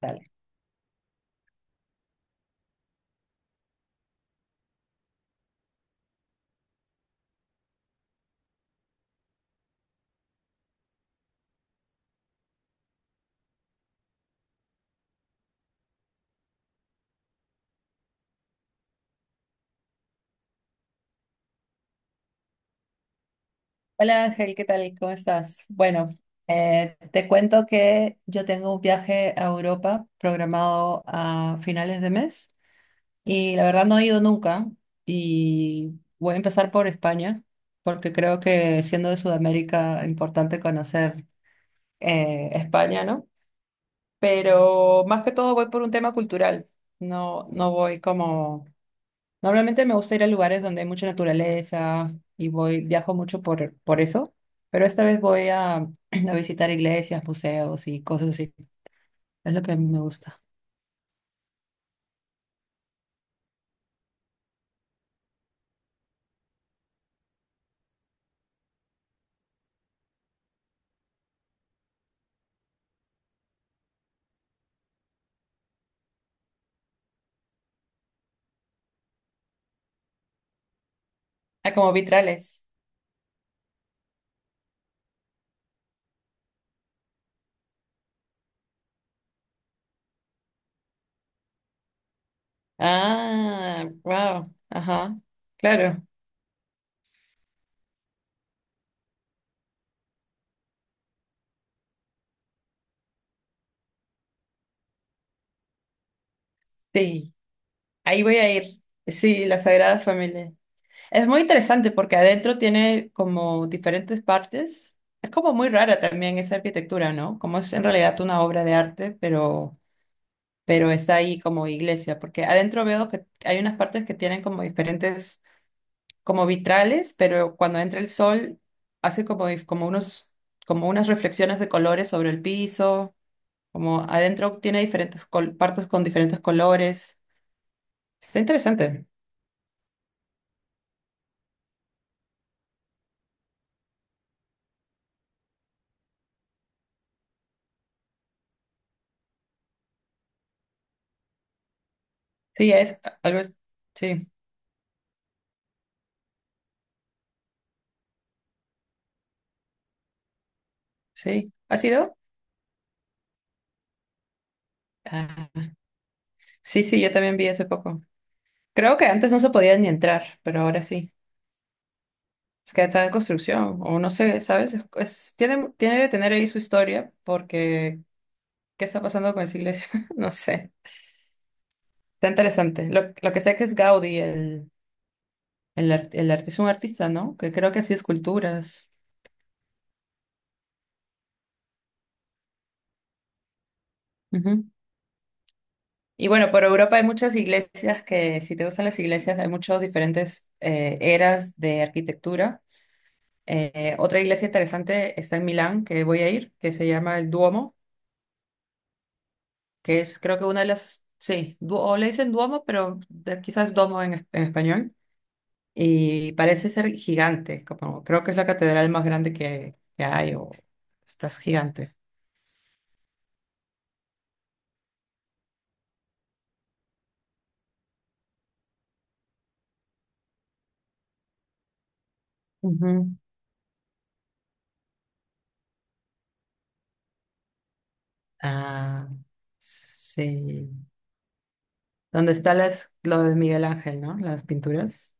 Dale. Hola Ángel, ¿qué tal? ¿Cómo estás? Bueno, te cuento que yo tengo un viaje a Europa programado a finales de mes. Y la verdad no he ido nunca y voy a empezar por España, porque creo que siendo de Sudamérica importante conocer España, ¿no? Pero más que todo voy por un tema cultural, no, no voy como... Normalmente me gusta ir a lugares donde hay mucha naturaleza y voy, viajo mucho por eso, pero esta vez voy a, a visitar iglesias, museos y cosas así. Es lo que me gusta. Ah, como vitrales. Ah, wow, ajá, claro. Sí, ahí voy a ir. Sí, la Sagrada Familia. Es muy interesante porque adentro tiene como diferentes partes. Es como muy rara también esa arquitectura, ¿no? Como es en realidad una obra de arte, pero está ahí como iglesia, porque adentro veo que hay unas partes que tienen como diferentes, como vitrales, pero cuando entra el sol hace como, como unos, como unas reflexiones de colores sobre el piso, como adentro tiene diferentes partes con diferentes colores. Está interesante. Sí, es algo. Sí, sí. ¿Ha sido? Ah, sí, sí, yo también vi hace poco. Creo que antes no se podía ni entrar, pero ahora sí. Es que está en construcción, o no sé, ¿sabes? Es, tiene, tiene que tener ahí su historia, porque ¿qué está pasando con esa iglesia? No sé. Está interesante. Lo que sé que es Gaudí, el, es un artista, ¿no? Que creo que hacía esculturas. Ujú. Y bueno, por Europa hay muchas iglesias que, si te gustan las iglesias, hay muchas diferentes eras de arquitectura. Otra iglesia interesante está en Milán, que voy a ir, que se llama el Duomo, que es creo que una de las, sí, o le dicen Duomo, pero quizás Domo en, en español, y parece ser gigante, como, creo que es la catedral más grande que hay, o estás gigante. Ujú. Ah, sí. ¿Dónde está las, lo de Miguel Ángel, ¿no? Las pinturas.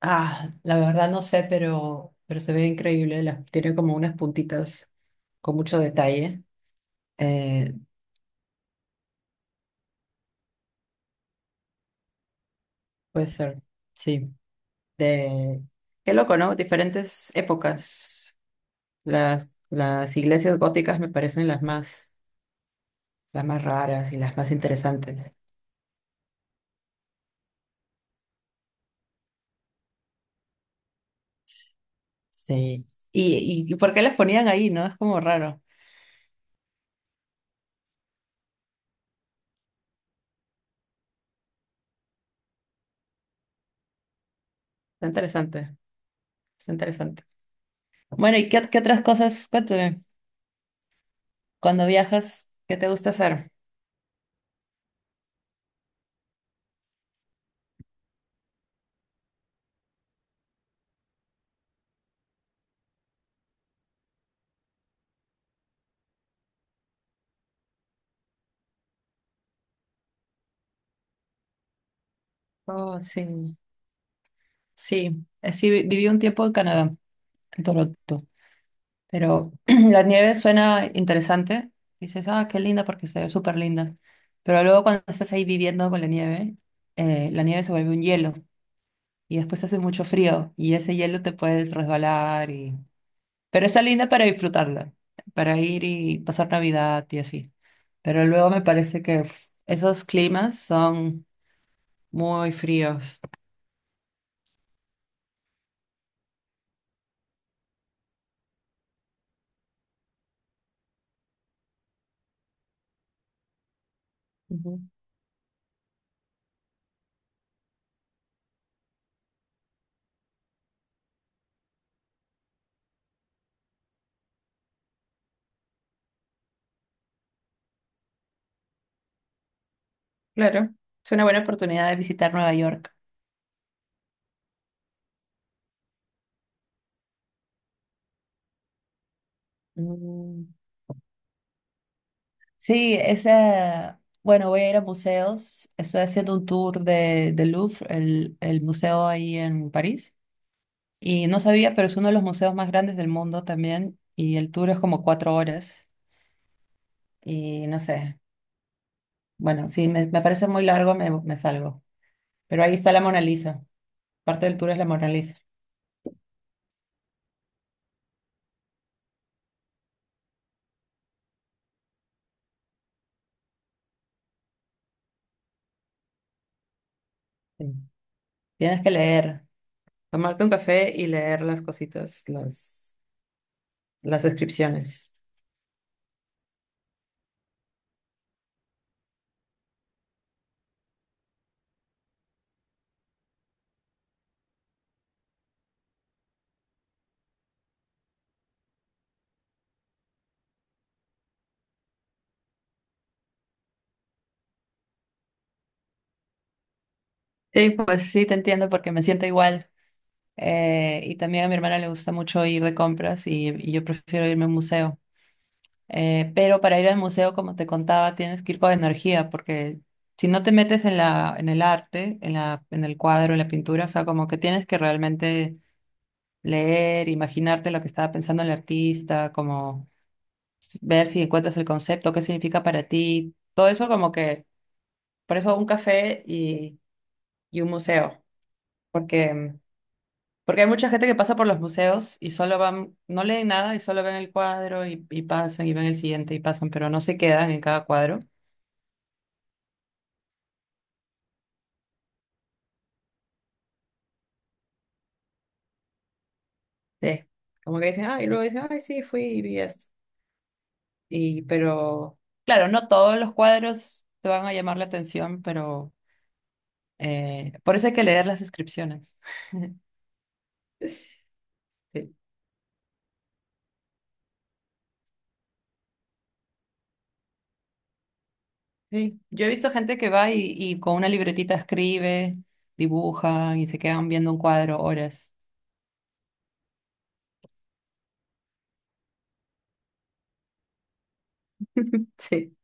Ah, la verdad no sé, pero se ve increíble, las, tiene como unas puntitas con mucho detalle. Eh, puede ser, sí. De... Qué loco, ¿no? Diferentes épocas. Las iglesias góticas me parecen las más raras y las más interesantes. Sí. Y por qué las ponían ahí, no? Es como raro. Está interesante, está interesante. Bueno, ¿y qué, qué otras cosas? Cuéntame, cuando viajas, ¿qué te gusta hacer? Oh, sí. Sí, sí, viví un tiempo en Canadá, en Toronto. Pero la nieve suena interesante. Dices, ah, qué linda porque se ve súper linda. Pero luego cuando estás ahí viviendo con la nieve se vuelve un hielo y después hace mucho frío y ese hielo te puedes resbalar y... Pero está linda para disfrutarla, para ir y pasar Navidad y así. Pero luego me parece que uf, esos climas son muy fríos. Ujú. Claro, es una buena oportunidad de visitar Nueva York. Mm. Sí, ese bueno, voy a ir a museos. Estoy haciendo un tour del Louvre, el museo ahí en París. Y no sabía, pero es uno de los museos más grandes del mundo también. Y el tour es como 4 horas. Y no sé, bueno, si me, me parece muy largo, me salgo. Pero ahí está la Mona Lisa. Parte del tour es la Mona Lisa. Sí. Tienes que leer, tomarte un café y leer las cositas, las descripciones. Sí, pues sí, te entiendo porque me siento igual. Y también a mi hermana le gusta mucho ir de compras y yo prefiero irme a un museo. Pero para ir al museo, como te contaba, tienes que ir con energía, porque si no te metes en la, en el arte, en la, en el cuadro, en la pintura, o sea, como que tienes que realmente leer, imaginarte lo que estaba pensando el artista, como ver si encuentras el concepto, qué significa para ti, todo eso como que, por eso un café y un museo, porque Porque hay mucha gente que pasa por los museos y solo van, no leen nada y solo ven el cuadro y pasan y ven el siguiente y pasan, pero no se quedan en cada cuadro. Sí. Como que dicen, ah, y luego dicen, ay, sí, fui y vi esto. Y, pero, claro, no todos los cuadros te van a llamar la atención, pero por eso hay que leer las inscripciones. Sí. Sí. Yo he visto gente que va y con una libretita escribe, dibuja y se quedan viendo un cuadro horas. Sí.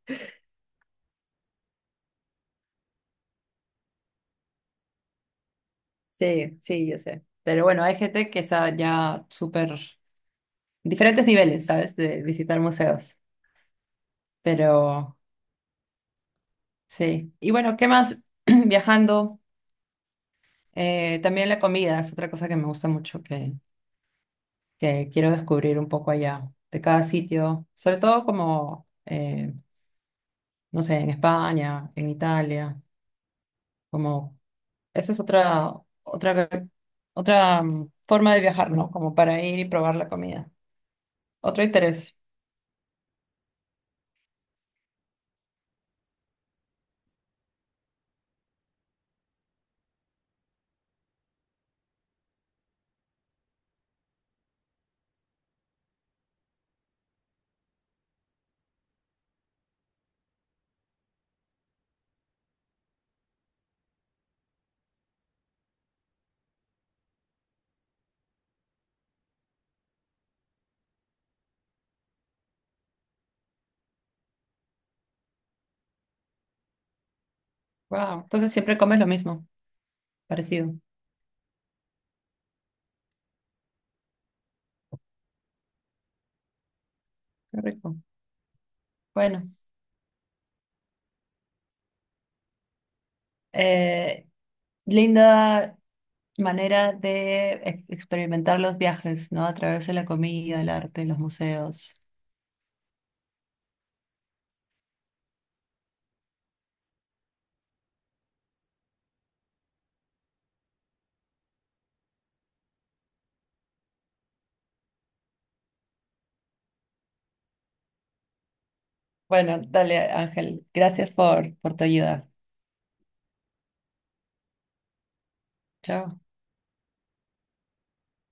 Sí, sí, yo sé. Pero bueno, hay gente que está ya súper diferentes niveles, ¿sabes? De visitar museos. Pero sí. Y bueno, ¿qué más? Viajando, también la comida es otra cosa que me gusta mucho, que quiero descubrir un poco allá, de cada sitio, sobre todo como, no sé, en España, en Italia, como, eso es otra, otra, otra forma de viajar, ¿no? Como para ir y probar la comida. Otro interés. Wow. Entonces siempre comes lo mismo, parecido. Qué rico. Bueno, eh, linda manera de experimentar los viajes, ¿no? A través de la comida, el arte, los museos. Bueno, dale, Ángel. Gracias por tu ayuda. Chao.